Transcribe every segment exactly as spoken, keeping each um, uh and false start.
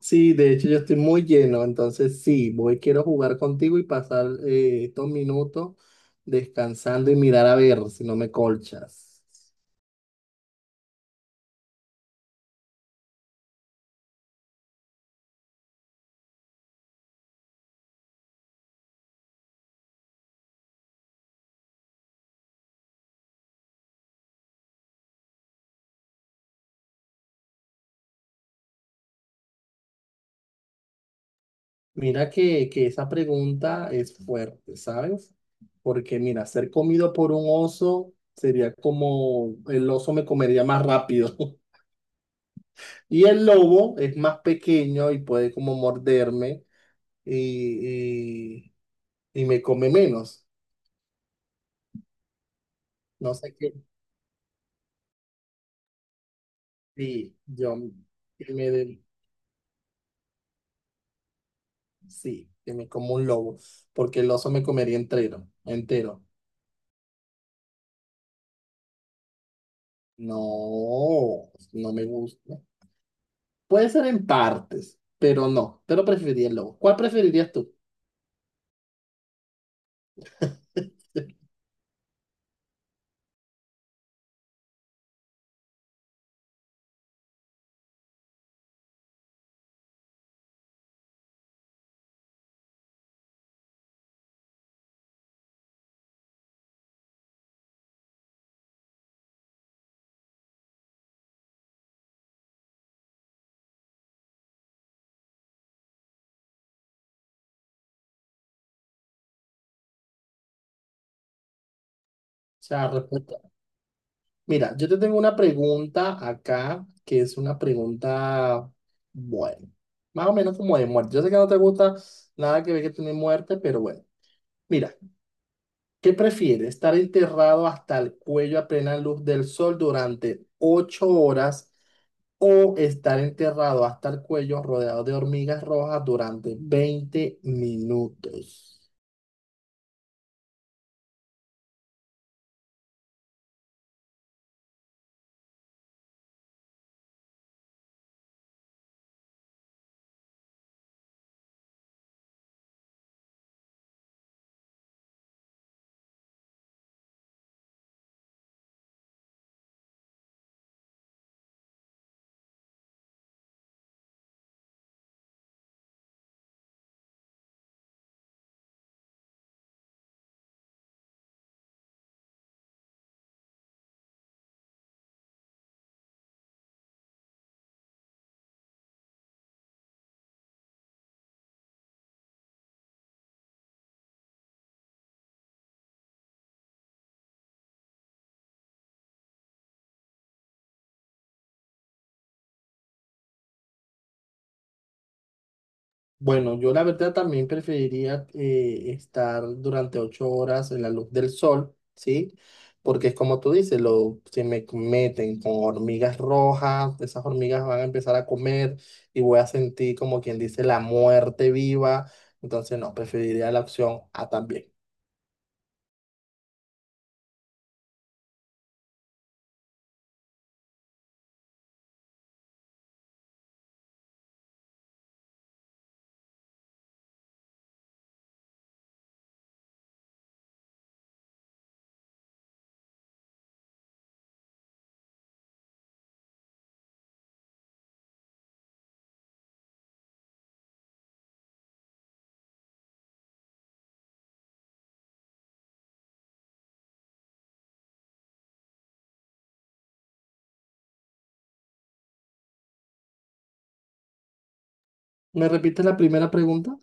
Sí, de hecho yo estoy muy lleno, entonces sí, voy, quiero jugar contigo y pasar eh, estos minutos descansando y mirar a ver si no me colchas. Mira que, que esa pregunta es fuerte, ¿sabes? Porque mira, ser comido por un oso sería como el oso me comería más rápido y el lobo es más pequeño y puede como morderme y, y, y me come menos. No sé qué, sí, yo que me, Sí, que me como un lobo, porque el oso me comería entero, entero. No, no me gusta. Puede ser en partes, pero no, pero preferiría el lobo. ¿Cuál preferirías tú? O sea, respuesta. Mira, yo te tengo una pregunta acá, que es una pregunta, bueno, más o menos como de muerte. Yo sé que no te gusta nada que ver que tiene muerte, pero bueno. Mira, ¿qué prefieres? ¿Estar enterrado hasta el cuello a plena luz del sol durante ocho horas o estar enterrado hasta el cuello rodeado de hormigas rojas durante veinte minutos? Bueno, yo la verdad también preferiría eh, estar durante ocho horas en la luz del sol, ¿sí? Porque es como tú dices, lo, si me meten con hormigas rojas, esas hormigas van a empezar a comer y voy a sentir como quien dice la muerte viva. Entonces, no, preferiría la opción A también. ¿Me repites la primera pregunta?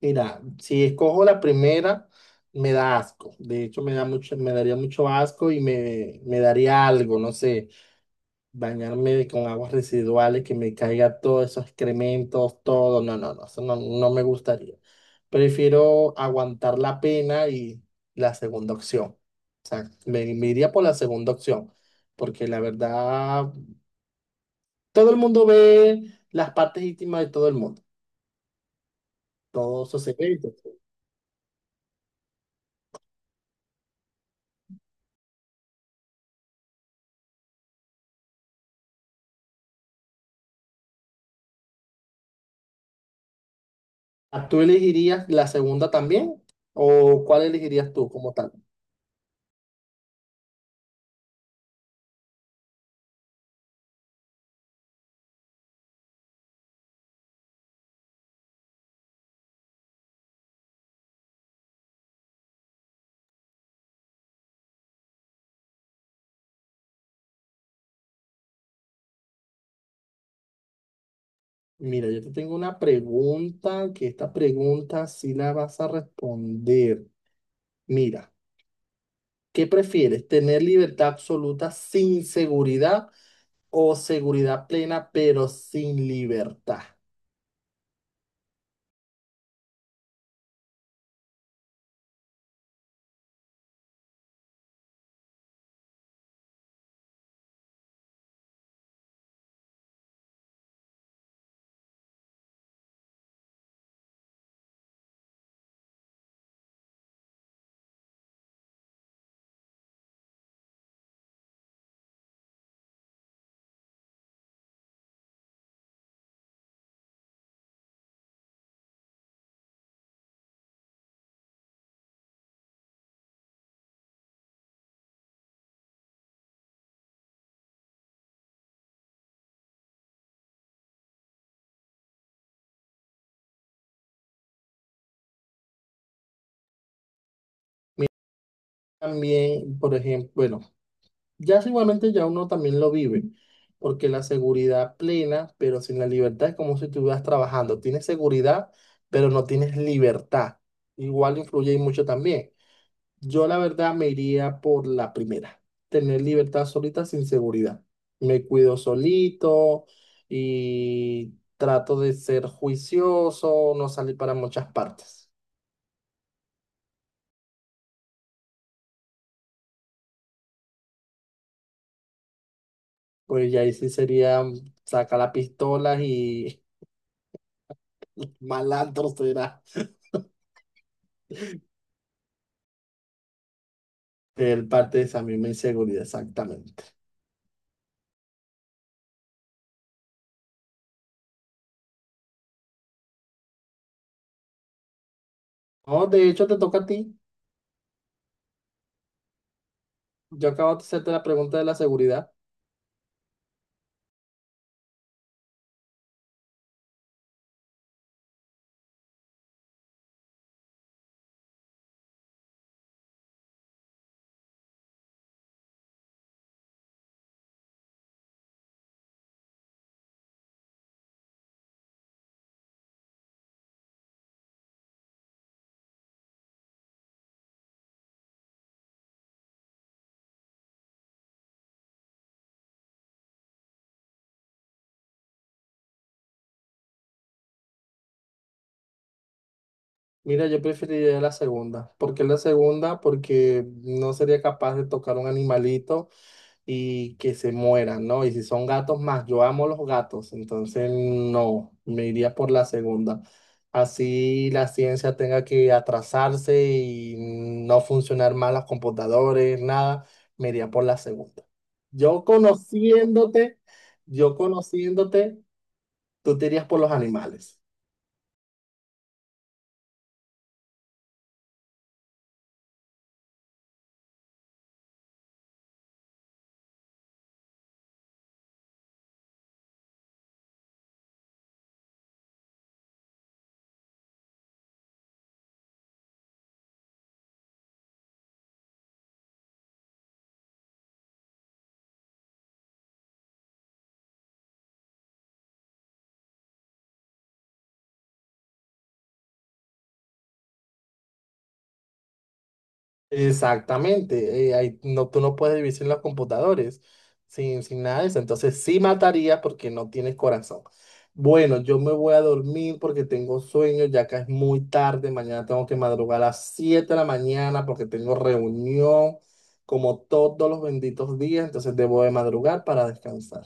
Mira, si escojo la primera, me da asco. De hecho, me da mucho, me daría mucho asco y me, me daría algo, no sé, bañarme con aguas residuales, que me caiga todos esos excrementos, todo. No, no, no, eso no, no me gustaría. Prefiero aguantar la pena y la segunda opción. O sea, me, me iría por la segunda opción, porque la verdad, todo el mundo ve las partes íntimas de todo el mundo. Todo eso se ve. Ah, ¿tú elegirías la segunda también? ¿O cuál elegirías tú como tal? Mira, yo te tengo una pregunta, que esta pregunta sí la vas a responder. Mira, ¿qué prefieres? ¿Tener libertad absoluta sin seguridad o seguridad plena pero sin libertad? También, por ejemplo, bueno. Ya sí, igualmente ya uno también lo vive, porque la seguridad plena, pero sin la libertad, es como si estuvieras trabajando. Tienes seguridad, pero no tienes libertad. Igual influye y mucho también. Yo la verdad me iría por la primera, tener libertad solita sin seguridad. Me cuido solito y trato de ser juicioso, no salir para muchas partes. Pues ya ahí sí sería sacar la pistola y malandro será. Él parte de esa misma inseguridad, exactamente. No, de hecho, te toca a ti. Yo acabo de hacerte la pregunta de la seguridad. Mira, yo preferiría la segunda. ¿Por qué la segunda? Porque no sería capaz de tocar un animalito y que se mueran, ¿no? Y si son gatos más, yo amo los gatos, entonces no, me iría por la segunda. Así la ciencia tenga que atrasarse y no funcionar mal los computadores, nada, me iría por la segunda. Yo conociéndote, yo conociéndote, tú te irías por los animales. Exactamente, eh, ahí no, tú no puedes vivir sin los computadores, sin, sin nada de eso. Entonces sí mataría porque no tienes corazón. Bueno, yo me voy a dormir porque tengo sueño, ya que es muy tarde. Mañana tengo que madrugar a las siete de la mañana porque tengo reunión como todos los benditos días. Entonces debo de madrugar para descansar.